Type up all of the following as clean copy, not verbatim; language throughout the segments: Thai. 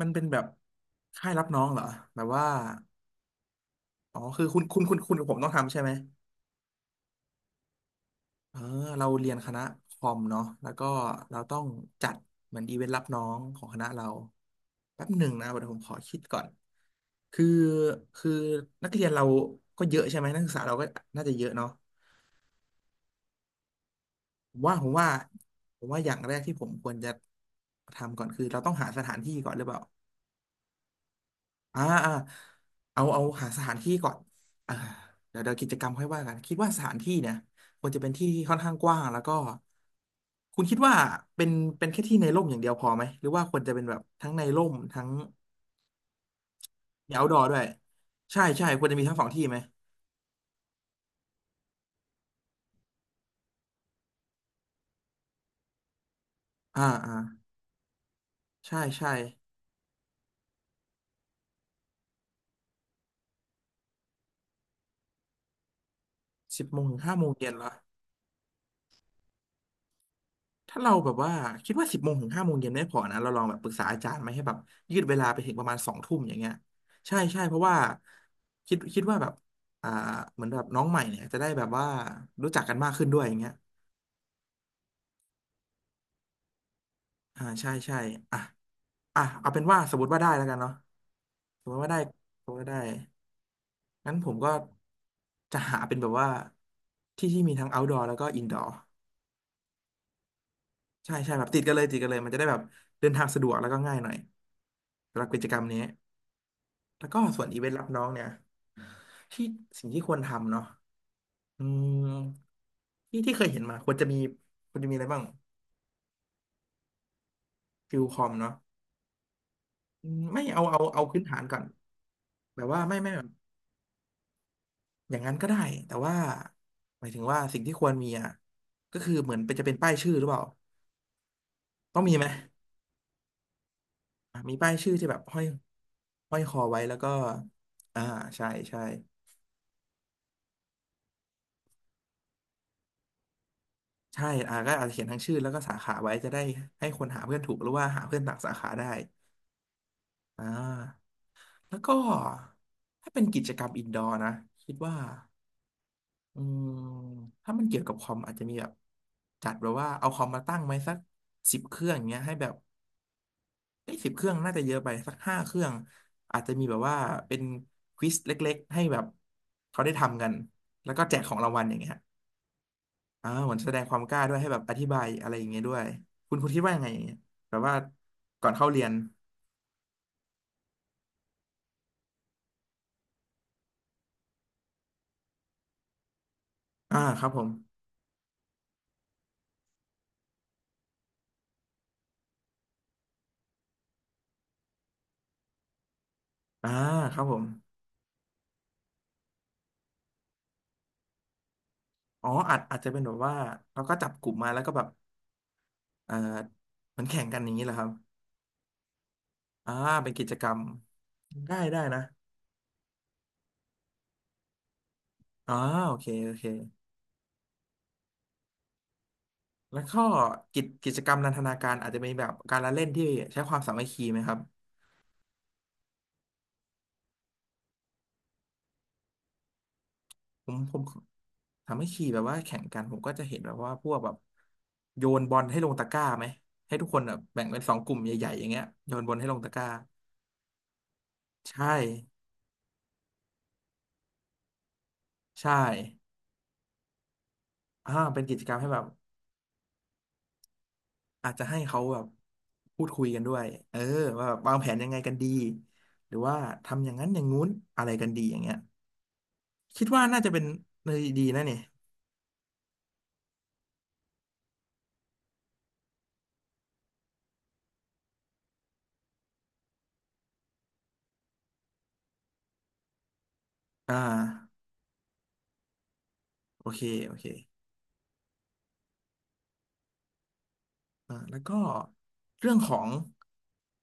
มันเป็นแบบค่ายรับน้องเหรอแบบว่าอ๋อคือคุณกับผมต้องทำใช่ไหมเออเราเรียนคณะคอมเนาะแล้วก็เราต้องจัดเหมือนอีเวนต์รับน้องของคณะเราแป๊บหนึ่งนะเดี๋ยวผมขอคิดก่อนคือคือนักเรียนเราก็เยอะใช่ไหมนักศึกษาเราก็น่าจะเยอะเนาะผมว่าผมว่าผมว่าอย่างแรกที่ผมควรจะทำก่อนคือเราต้องหาสถานที่ก่อนหรือเปล่า อ่าอ่าเอาหาสถานที่ก่อนอ่าเดี๋ยวกิจกรรมค่อยว่ากันคิดว่าสถานที่เนี่ยควรจะเป็นที่ที่ค่อนข้างกว้างแล้วก็คุณคิดว่าเป็นเป็นแค่ที่ในร่มอย่างเดียวพอไหมหรือว่าควรจะเป็นแบบทั้งในร่มทั้งมี outdoor ด้วยใช่ใช่ควรจะมีทั้งสองที่ไหมอ่าอ่าใช่ใช่สิบโมงถึงห้าโมงเย็นเหรอ ถ้าเราแบบว่าคิดว่าสิบโมงถึงห้าโมงเย็นไม่พอนะเราลองแบบปรึกษาอาจารย์ไหมให้แบบยืดเวลาไปถึงประมาณ2 ทุ่มอย่างเงี้ยใช่ใช่เพราะว่าคิดว่าแบบอ่าเหมือนแบบน้องใหม่เนี่ยจะได้แบบว่ารู้จักกันมากขึ้นด้วยอย่างเงี้ยอ่าใช่ใช่อ่ะอ่ะเอาเป็นว่าสมมติว่าได้แล้วกันเนาะสมมติว่าได้สมมติว่าได้งั้นผมก็จะหาเป็นแบบว่าที่ที่มีทั้ง outdoor แล้วก็ indoor ใช่ใช่แบบติดกันเลยติดกันเลยมันจะได้แบบเดินทางสะดวกแล้วก็ง่ายหน่อยสำหรับกิจกรรมนี้ แล้วก็ส่วนอีเวนต์รับน้องเนี่ยที่สิ่งที่ควรทำเนาะอืมที่ที่เคยเห็นมาควรจะมีอะไรบ้างฟิลคอมเนาะไม่เอาเอาพื้นฐานก่อนแบบว่าไม่แบบอย่างนั้นก็ได้แต่ว่าหมายถึงว่าสิ่งที่ควรมีอ่ะก็คือเหมือนเป็นจะเป็นป้ายชื่อหรือเปล่าต้องมีไหมอ่ะมีป้ายชื่อที่แบบห้อยคอไว้แล้วก็อ่าใช่ใช่ใช่อ่าก็อาจจะเขียนทั้งชื่อแล้วก็สาขาไว้จะได้ให้คนหาเพื่อนถูกหรือว่าหาเพื่อนต่างสาขาได้อ่า แล้วก็ถ้าเป็นกิจกรรมอินดอร์นะคิดว่าอืมถ้ามันเกี่ยวกับคอมอาจจะมีแบบจัดแบบว่าเอาคอมมาตั้งไว้สักสิบเครื่องอย่างเงี้ยให้แบบไอ้สิบเครื่องน่าจะเยอะไปสัก5 เครื่องอาจจะมีแบบว่าเป็นควิซเล็กๆให้แบบเขาได้ทำกันแล้วก็แจกของรางวัลอย่างเงี้ยอ่าเหมือนแสดงความกล้าด้วยให้แบบอธิบายอะไรอย่างเงี้ยด้วยคุณคิดว่ายังไงอย่างเงี้ยแบบว่าก่อนเข้าเรียนอ่าครับผมอ่าครับผม อ๋ออาจจะเป็นแบบว่าเราก็จับกลุ่มมาแล้วก็แบบเออเหมือนแข่งกันอย่างนี้แหละครับอ่าเป็นกิจกรรมได้ได้นะอ๋อโอเคโอเคแล้วก็กิจกรรมนันทนาการอาจจะเป็นแบบการละเล่นที่ใช้ความสามัคคีไหมครับผมสามัคคีแบบว่าแข่งกันผมก็จะเห็นแบบว่าพวกแบบโยนบอลให้ลงตะกร้าไหมให้ทุกคนแบบแบ่งเป็นสองกลุ่มใหญ่ๆอย่างเงี้ยโยนบอลให้ลงตะกร้าใช่ใช่อ่าเป็นกิจกรรมให้แบบ อาจจะให้เขาแบบพูดคุยกันด้วยเออว่าแบบวางแผนยังไงกันดีหรือว่าทำอย่างนั้นอย่างงู้นอะไรกันดีอย่างเงี้ยคิดว่าน่าจะเป็นในดีนะเนี่ยอ่าโอเคโอเคอ่าแล้วก็เรื่องของ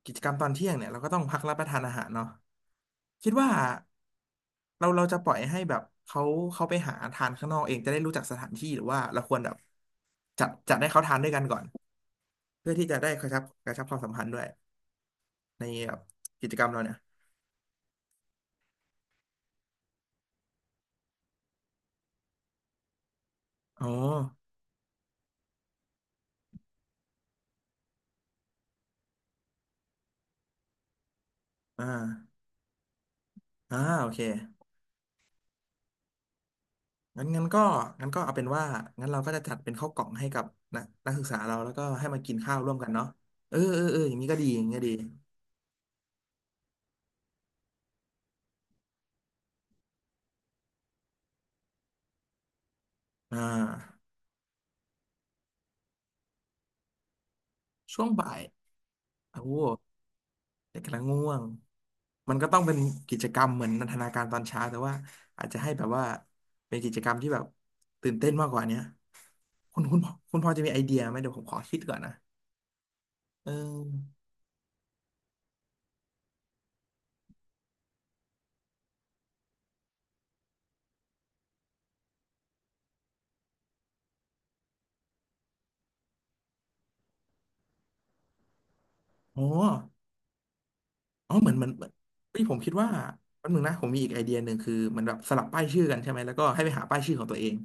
กิจกรรมตอนเที่ยงเนี่ยเราก็ต้องพักรับประทานอาหารเนาะคิดว่าเราจะปล่อยให้แบบเขาไปหาทานข้างนอกเองจะได้รู้จักสถานที่หรือว่าเราควรแบบจัดให้เขาทานด้วยกันก่อนเพื่อที่จะได้กระชับความสัมพันธ์ด้วย ในแบบกิจกรรมเราเนี่ยอ๋ออ่าอ่าโอเคงั้นก็งั้นก็เอาเป็นว่างั้นเราก็จะจัดเป็นข้าวกล่องให้กับนักศึกษาเราแล้วก็ให้มากินข้าวร่วมกันเนาะเออเออเอออย่างนี้ก็ดีอย่างนี้ก็ดีอ่าช่วงบ่ายโอ้โหเด็กกำลังง่วงมันก็ต้องเป็นกิจกรรมเหมือนนันทนาการตอนเช้าแต่ว่าอาจจะให้แบบว่าเป็นกิจกรรมที่แบบตื่นเต้นมากกว่าเนี้ยคุณคุณคุณพอจะมีไอเดียไหมเดี๋ยวผมขอคิดก่อนนะเออโอ้ อ๋อเหมือนเฮ้ยผมคิดว่าแป๊บนึงนะผมมีอีกไอเดียหนึ่งคือเหมือนแบบสลับป้ายชื่อกันใช่ไหมแล้วก็ให้ไปหาป้ายชื่อของตัวเอง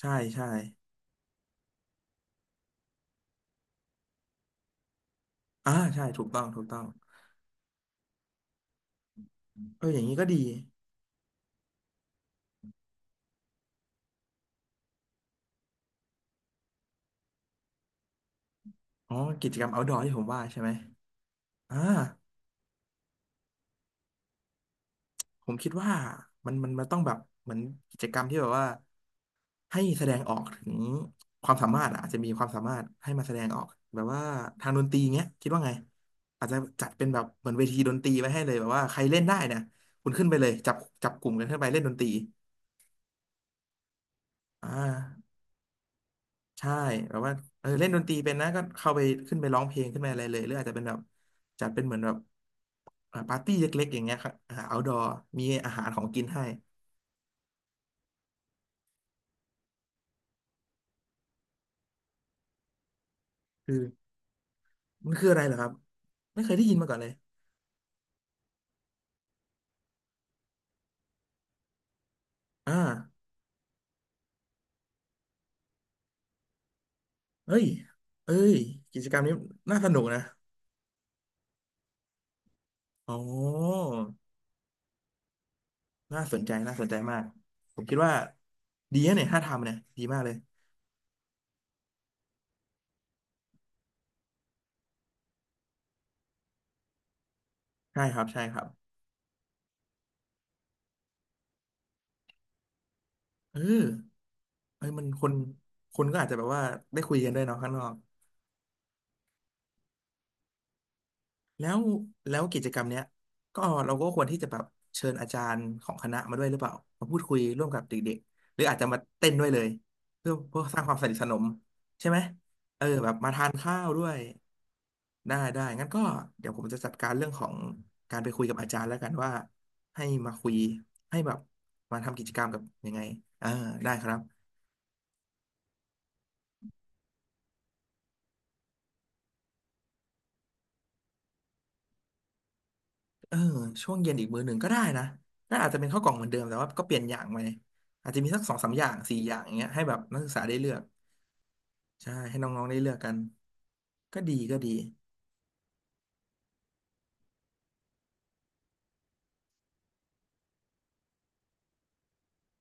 ใช่ใช่อ่าใช่ถูกต้องถูกต้องเอออย่างนี้ก็ดีอ๋อกิจกรรม outdoor ที่ผมว่าใช่ไหมอ่าผมคิดว่ามันต้องแบบเหมือนกิจกรรมที่แบบว่าให้แสดงออกถึงความสามารถอะอาจจะมีความสามารถให้มาแสดงออกแบบว่าทางดนตรีเงี้ยคิดว่าไงอาจจะจัดเป็นแบบเหมือนเวทีดนตรีไว้ให้เลยแบบว่าใครเล่นได้นะคุณขึ้นไปเลยจับกลุ่มกันขึ้นไปเล่นดนตรี อ่าใช่แบบว่าเออเล่นดนตรีเป็นนะก็เข้าไปขึ้นไปร้องเพลงขึ้นไปอะไรเลยหรืออาจจะเป็นแบบจัดเป็นเหมือนแบบอ่าปาร์ตี้เล็กๆอย่างเงี้ยครับอ่า outdoor มีอาหารของกินให้คือมันคืออะไรเหรอครับไม่เคยได้ยินมาก่อนเลยอ่าเอ้ยเอ้ยกิจกรรมนี้น่าสนุกนะอ๋อน่าสนใจน่าสนใจมากผมคิดว่าดีนะเนี่ยถ้าทำเนี่ยดีมากเลยใช่ครับใช่ครับเออเอ้ยมันคนคนก็อาจจะแบบว่าได้คุยกันด้วยเนาะข้างนอก แล้วแล้วกิจกรรมเนี้ยก็เราก็ควรที่จะแบบเชิญอาจารย์ของคณะมาด้วยหรือเปล่ามาพูดคุยร่วมกับเด็กๆหรืออาจจะมาเต้นด้วยเลยเพื่อสร้างความสนิทสนมใช่ไหมเออแบบมาทานข้าวด้วยได้ได้งั้นก็เดี๋ยวผมจะจัดการเรื่องของการไปคุยกับอาจารย์แล้วกันว่าให้มาคุยให้แบบมาทำกิจกรรมกับยังไงเออได้ครับ เออช่วงเย็นอีกมื้อหนึ่งก็ได้นะน่าอาจจะเป็นข้าวกล่องเหมือนเดิมแต่ว่าก็เปลี่ยนอย่างไปอาจจะมีสักสองสามอย่างสี่อย่างอย่างเงี้ยให้แบบนักศึกษาได้เลือกใช่ให้น้องๆได้เลือกกันก็ดีก็ดี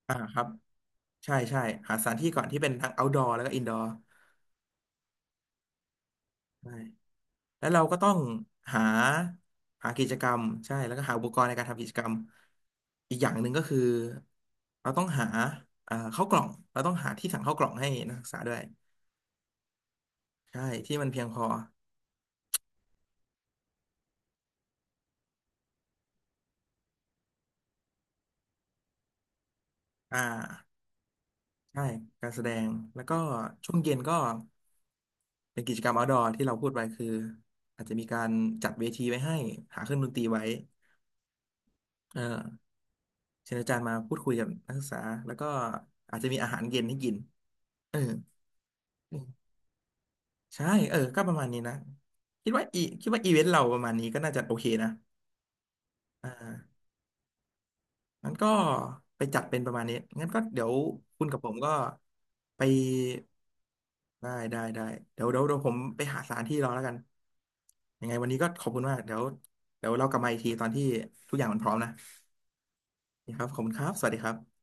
อ่าครับใช่ใช่หาสถานที่ก่อนที่เป็นทั้ง outdoor แล้วก็ indoor ใช่แล้วเราก็ต้องหาหากิจกรรมใช่แล้วก็หาอุปกรณ์ในการทำกิจกรรมอีกอย่างหนึ่งก็คือเราต้องหาข้าวกล่องเราต้องหาที่สั่งข้าวกล่องให้นักศึกษาด้วยใช่ที่มันเพียงพออ่า ใช่ การแสดง แล้วก็ช่วงเย็นก็เป็นกิจกรรม outdoor ที่เราพูดไปคืออาจจะมีการจัดเวทีไว้ให้หาเครื่องดนตรีไว้เออเชิญอาจารย์มาพูดคุยกับนักศึกษา แล้วก็อาจจะมีอาหารเย็นให้กินเออใช่เออก็ประมาณนี้นะ คิดว่าอีเวนต์เราประมาณนี้ก็น่าจะโอเคนะอ่า งั้นก็ไปจัดเป็นประมาณนี้ งั้นก็เดี๋ยวคุณกับผมก็ไปได้ได้ได้เดี๋ยวผมไปหาสถานที่รอแล้วกันยังไงวันนี้ก็ขอบคุณมากเดี๋ยวเดี๋ยวเรากลับมาอีกทีตอนที่ทุกอย่างมันพร้อมนะนี่ครับขอบคุณครับสวัสดีครับ